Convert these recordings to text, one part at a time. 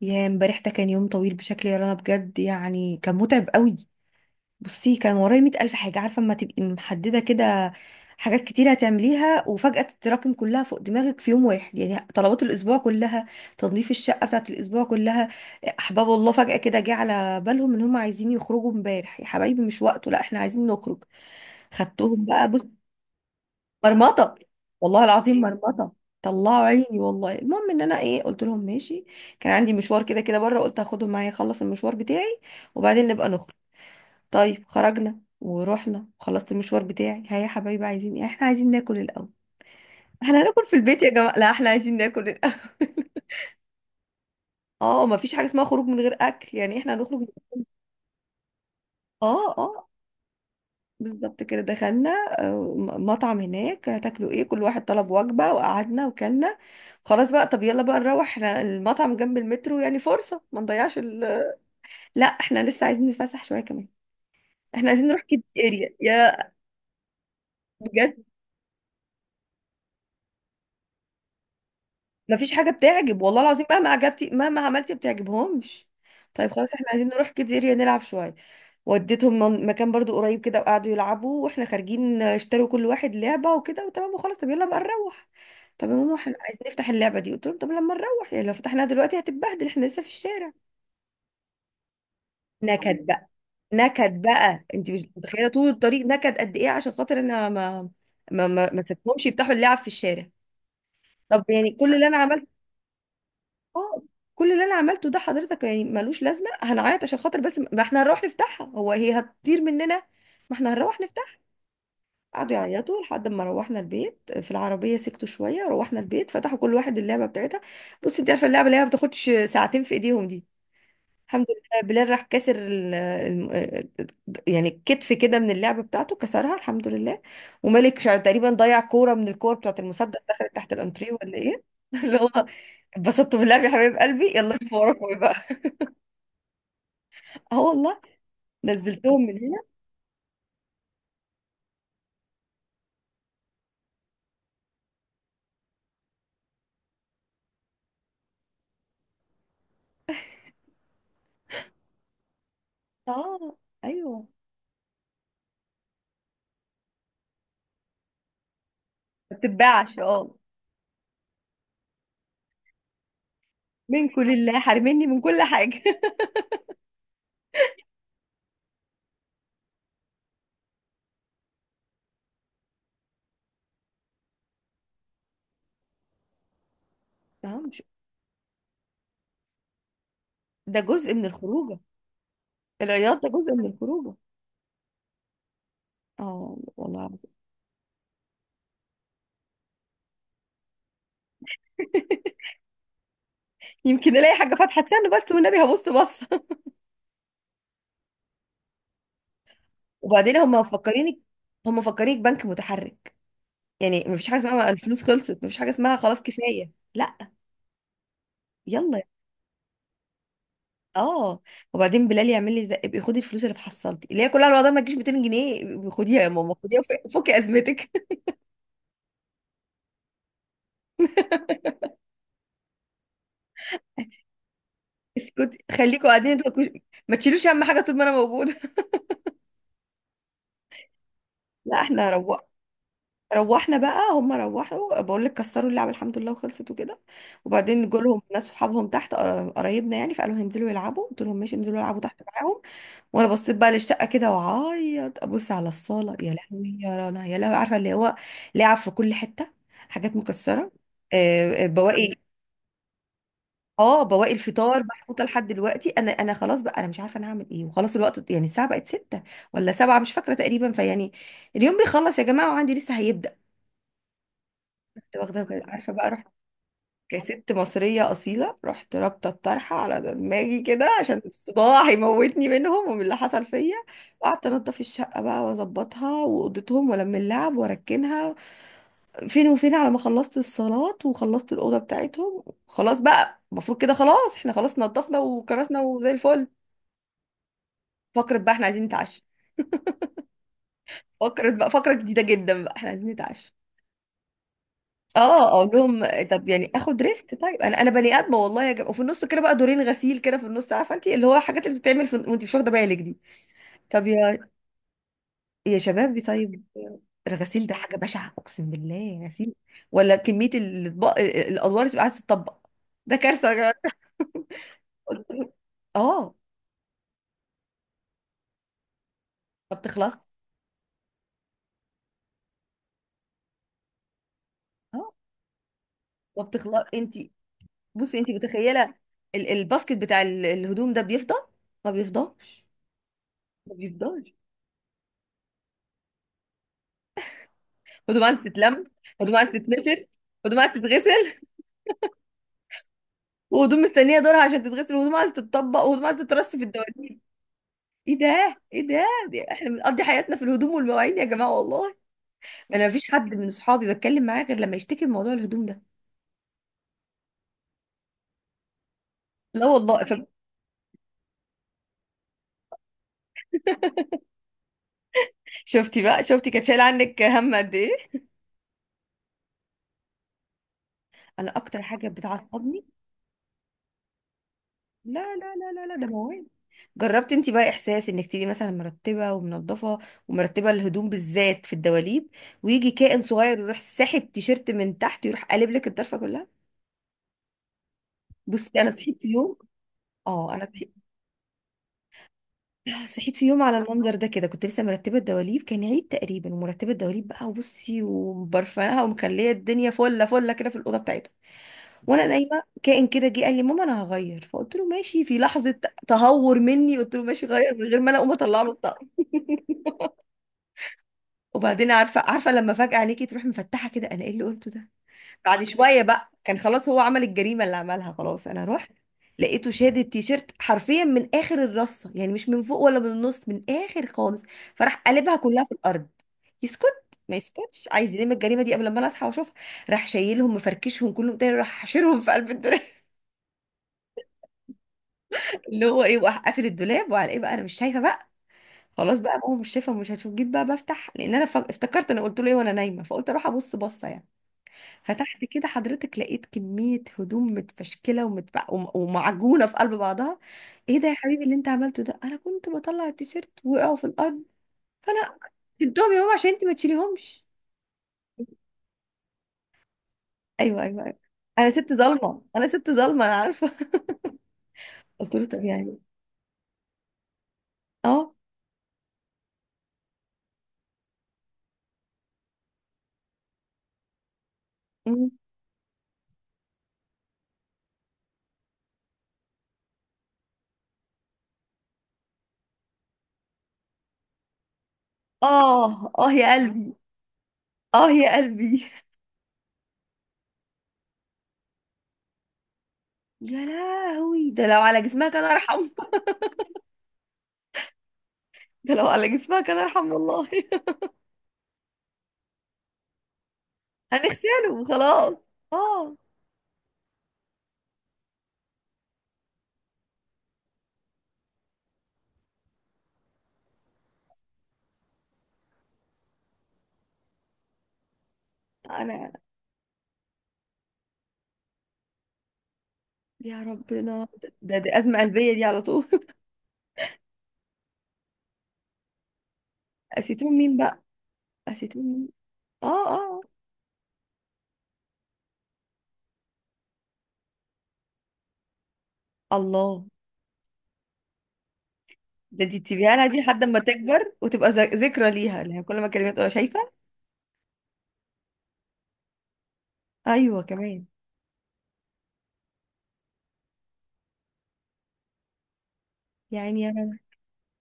يا امبارح ده كان يوم طويل بشكل يا رنا، بجد يعني كان متعب قوي. بصي، كان ورايا مئة ألف حاجة. عارفة اما تبقي محددة كده، حاجات كتير هتعمليها وفجأة تتراكم كلها فوق دماغك في يوم واحد. يعني طلبات الأسبوع كلها، تنظيف الشقة بتاعت الأسبوع كلها. أحباب الله فجأة كده جه على بالهم إن هم عايزين يخرجوا امبارح. يا حبايبي، مش وقته. لا احنا عايزين نخرج. خدتهم بقى، بص. مرمطه. والله العظيم مرمطه. طلعوا عيني والله. المهم ان انا ايه، قلت لهم ماشي. كان عندي مشوار كده كده بره، قلت هاخدهم معايا اخلص المشوار بتاعي وبعدين نبقى نخرج. طيب، خرجنا ورحنا، خلصت المشوار بتاعي. ها يا حبايبي، عايزين ايه؟ احنا عايزين ناكل الاول. احنا هناكل في البيت يا جماعه. لا، احنا عايزين ناكل الاول. اه، ما فيش حاجه اسمها خروج من غير اكل، يعني احنا هنخرج. اه، اه، بالظبط كده. دخلنا مطعم هناك. هتاكلوا ايه؟ كل واحد طلب وجبة وقعدنا وكلنا. خلاص بقى، طب يلا بقى نروح، احنا المطعم جنب المترو، يعني فرصة ما نضيعش ال... لا، احنا لسه عايزين نتفسح شوية كمان، احنا عايزين نروح كيدز اريا يا... بجد، ما فيش حاجة بتعجب، والله العظيم مهما عجبتي مهما عملتي ما بتعجبهمش. طيب خلاص، احنا عايزين نروح كيدز اريا نلعب شوية. وديتهم مكان برضو قريب كده، وقعدوا يلعبوا، واحنا خارجين اشتروا كل واحد لعبة وكده وتمام وخلاص. طب يلا بقى نروح. طب يا ماما، احنا عايزين نفتح اللعبة دي. قلت لهم طب لما نروح، يعني لو فتحناها دلوقتي هتتبهدل، احنا لسه في الشارع. نكد بقى. نكد بقى، انت مش متخيلة طول الطريق نكد قد ايه عشان خاطر انا ما سبتهمش يفتحوا اللعب في الشارع. طب يعني كل اللي انا عملته، اه، كل اللي انا عملته ده حضرتك يعني ملوش لازمة؟ هنعيط عشان خاطر بس ما احنا هنروح نفتحها، هو هي هتطير مننا؟ ما احنا هنروح نفتحها. قعدوا يعيطوا لحد ما روحنا البيت، في العربية سكتوا شوية، روحنا البيت فتحوا كل واحد اللعبة بتاعتها. بص، انت عارفة اللعبة اللي هي ما بتاخدش ساعتين في ايديهم دي، الحمد لله بلال راح كسر ال يعني كتف كده من اللعبة بتاعته، كسرها الحمد لله. وملك شعر تقريبا ضيع كورة من الكور بتاعت المسدس، دخلت تحت الانتريه ولا ايه اللي هو اتبسطت باللعب يا حبيب قلبي، يلا انتوا وراكم ايه بقى؟ اه والله. نزلتهم من هنا. اه. ايوه، ما بتتباعش، اه. من كل الله حرمني من كل حاجة. اه، مش، ده جزء من الخروجه. العياط ده جزء من الخروجه. اه والله العظيم. يمكن الاقي حاجه فاتحه، استنى بس والنبي هبص، بص. وبعدين هم مفكرينك، هم مفكرينك بنك متحرك. يعني مفيش حاجه اسمها الفلوس خلصت، مفيش حاجه اسمها خلاص كفايه، لا. يلا. اه، وبعدين بلال يعمل لي زق، ابقي خدي الفلوس اللي في حصلتي اللي هي كلها الوضع ما تجيش 200 جنيه، ابقي خديها يا ماما، خديها فكي ازمتك. خليكوا قاعدين انتوا، ما تشيلوش، اهم حاجه طول ما انا موجوده. لا احنا روقنا. روحنا بقى، هم روحوا بقول لك كسروا اللعبه الحمد لله، وخلصت وكده. وبعدين جولهم ناس صحابهم تحت، قرايبنا يعني، فقالوا هينزلوا يلعبوا، قلت لهم ماشي انزلوا العبوا تحت معاهم. وانا بصيت بقى للشقه كده وعيط، ابص على الصاله، يا لهوي يا رنا، يا لهوي، عارفه اللي هو لعب في كل حته، حاجات مكسره، بواقي. اه، بواقي الفطار محطوطه لحد دلوقتي. انا خلاص بقى، انا مش عارفه انا هعمل ايه، وخلاص الوقت يعني الساعه بقت 6 ولا 7 مش فاكره تقريبا، فيعني اليوم بيخلص يا جماعه وعندي لسه هيبدا. كنت واخده بالي. عارفه بقى رحت كست مصرية أصيلة، رحت رابطة الطرحة على دماغي كده عشان الصداع هيموتني منهم ومن اللي حصل فيا. قعدت أنضف الشقة بقى وأظبطها، وأوضتهم وألم اللعب وأركنها. فين وفين على ما خلصت الصلاة وخلصت الأوضة بتاعتهم. خلاص بقى، المفروض كده خلاص احنا خلاص نضفنا وكرسنا وزي الفل. فكرة بقى، احنا عايزين نتعشى. فكرة بقى، فكرة جديدة جدا بقى، احنا عايزين نتعشى. اه، اقول لهم طب يعني اخد ريسك. طيب، انا بني ادمه والله يا جماعه، وفي النص كده بقى دورين غسيل كده في النص، عارفه انت اللي هو الحاجات اللي بتتعمل في... وانت مش واخده بالك دي. طب يا، يا شباب، طيب الغسيل ده حاجه بشعه، اقسم بالله غسيل، ولا كميه الاطباق، الادوار اللي بتبقى عايزه تطبق، ده كارثه يا جماعه. قلت له، اه، ما بتخلص. اه ما بتخلص انت. بصي انت متخيله الباسكت بتاع الهدوم ده بيفضى؟ ما بيفضاش. ما بيفضاش. هدوم عايزة تتلم، هدوم عايزة تتنشر، هدوم عايزة تتغسل، وهدوم مستنية دورها عشان تتغسل، وهدوم عايزة تتطبق، وهدوم عايزة تترص في الدواليب. ايه ده؟ ايه ده احنا بنقضي حياتنا في الهدوم والمواعين يا جماعة والله. انا مفيش حد من صحابي بتكلم معاه غير لما يشتكي من موضوع الهدوم ده. لا والله. شفتي بقى، شفتي كانت شايله عنك هم قد ايه. انا اكتر حاجه بتعصبني، لا لا لا لا لا، ده موال. جربت انت بقى احساس انك تبقي مثلا مرتبه ومنظفه، ومرتبه الهدوم بالذات في الدواليب، ويجي كائن صغير يروح ساحب تيشيرت من تحت، يروح قالب لك الطرفه كلها؟ بصي انا صحيت في يوم، اه انا صحيت صحيت في يوم على المنظر ده كده. كنت لسه مرتبه الدواليب، كان عيد تقريبا، ومرتبه الدواليب بقى، وبصي ومبرفانها ومخليه الدنيا فله فله كده في الاوضه بتاعتها. وانا نايمه كائن كده جه قال لي: ماما انا هغير. فقلت له ماشي، في لحظه تهور مني قلت له ماشي غير، من غير ما انا اقوم اطلع له. وبعدين عارفه، عارفه لما فجاه عليكي تروح مفتحه كده، انا ايه اللي قلته ده؟ بعد شويه بقى، كان خلاص هو عمل الجريمه اللي عملها، خلاص. انا رحت لقيته شاد التيشيرت حرفيا من اخر الرصه، يعني مش من فوق ولا من النص، من اخر خالص، فراح قلبها كلها في الارض. يسكت؟ ما يسكتش، عايز يلم الجريمه دي قبل ما انا اصحى واشوفها. راح شايلهم مفركشهم كلهم تاني، راح حاشرهم في قلب الدولاب اللي هو ايه، وراح قافل الدولاب، وعلى ايه بقى، انا مش شايفه بقى. خلاص بقى ماما مش شايفه، مش هتشوف. جيت بقى بفتح لان انا افتكرت انا قلت له ايه وانا نايمه، فقلت اروح ابص بصه يعني. فتحت كده حضرتك، لقيت كمية هدوم متفشكلة ومعجونة في قلب بعضها. ايه ده يا حبيبي اللي انت عملته ده؟ انا كنت بطلع التيشيرت وقعوا في الارض، فانا شلتهم يا ماما عشان انت ما تشيليهمش. ايوه، ايوه، ايوه، انا ست ظالمة، انا ست ظالمة، انا عارفة. قلت له طب يعني، اه. مم. اه، اه يا قلبي، اه يا قلبي. يا لهوي، ده لو على جسمها كان ارحم. ده لو على جسمها كان ارحم والله. هنغسله وخلاص، اه. انا، يا ربنا، ده أزمة قلبية دي على طول. أسيتون مين بقى؟ أسيتون مين؟ آه، آه، الله. ده دي تسيبيها لها دي لحد ما تكبر وتبقى ذكرى ليها لها، كل ما كلمات تقولها شايفة. أيوة كمان. يعني يا رب.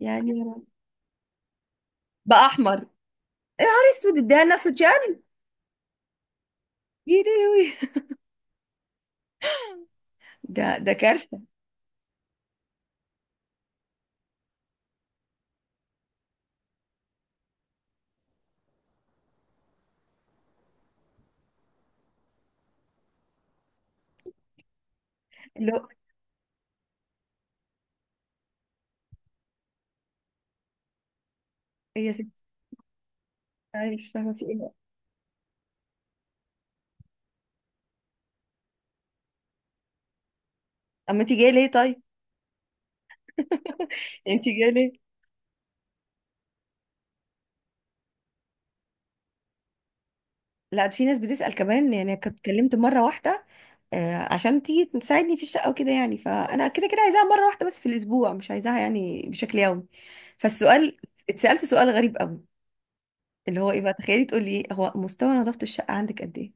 يعني يا رب. بقى أحمر؟ يا نهار أسود، اديها لنفسه جان يديوي. ده ده كارثة. اللي هو هي ست. أنا مش فاهمة في إيه. أما أنت جاية ليه طيب؟ أنت جاية ليه؟ لا، ده في ناس بتسأل كمان. يعني كنت اتكلمت مرة واحدة عشان تيجي تساعدني في الشقة وكده، يعني فأنا كده كده عايزاها مرة واحدة بس في الأسبوع، مش عايزاها يعني بشكل يومي. فالسؤال، اتسألت سؤال غريب قوي، اللي هو ايه بقى، تخيلي تقولي ايه: هو مستوى نظافة الشقة عندك قد ايه؟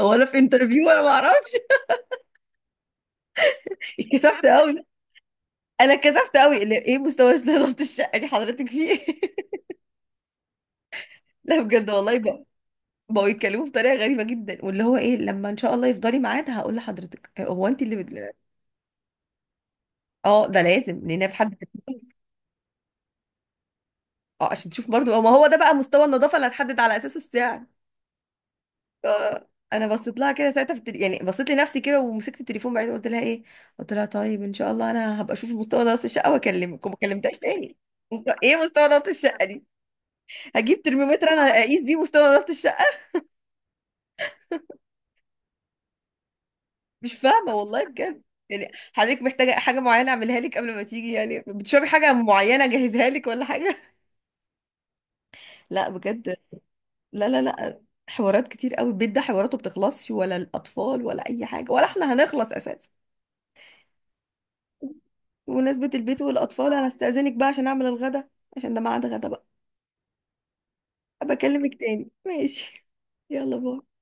هو انا في انترفيو؟ انا ما اعرفش. اتكسفت قوي. انا اتكسفت قوي، اللي ايه مستوى نظافة الشقة دي حضرتك فيه. لا بجد والله بقى، بقوا يتكلموا بطريقة غريبة جدا، واللي هو ايه لما ان شاء الله يفضلي ميعاد هقول لحضرتك هو انت اللي بت... اه ده لازم، لان في حد. اه، عشان تشوف برضو، ما هو ده بقى مستوى النظافه اللي هتحدد على اساسه السعر. انا بصيت لها كده ساعتها في التل... يعني بصيت لنفسي كده، ومسكت التليفون بعيد، قلت لها ايه. قلت لها طيب ان شاء الله انا هبقى اشوف مستوى نظافه الشقه واكلمك. وما كلمتهاش تاني. ايه مستوى نظافه الشقه دي؟ هجيب ترمومتر انا اقيس بيه مستوى نظافه الشقه؟ مش فاهمه والله بجد. يعني حضرتك محتاجه حاجه معينه اعملها لك قبل ما تيجي؟ يعني بتشربي حاجه معينه اجهزها لك ولا حاجه؟ لا بجد. لا، لا، لا، حوارات كتير قوي، البيت ده حواراته بتخلصش ولا الأطفال ولا أي حاجة ولا احنا هنخلص أساسا. بمناسبة البيت والأطفال، أنا استأذنك بقى عشان أعمل الغدا، عشان ده ميعاد غدا بقى. بكلمك تاني ماشي؟ يلا، باي.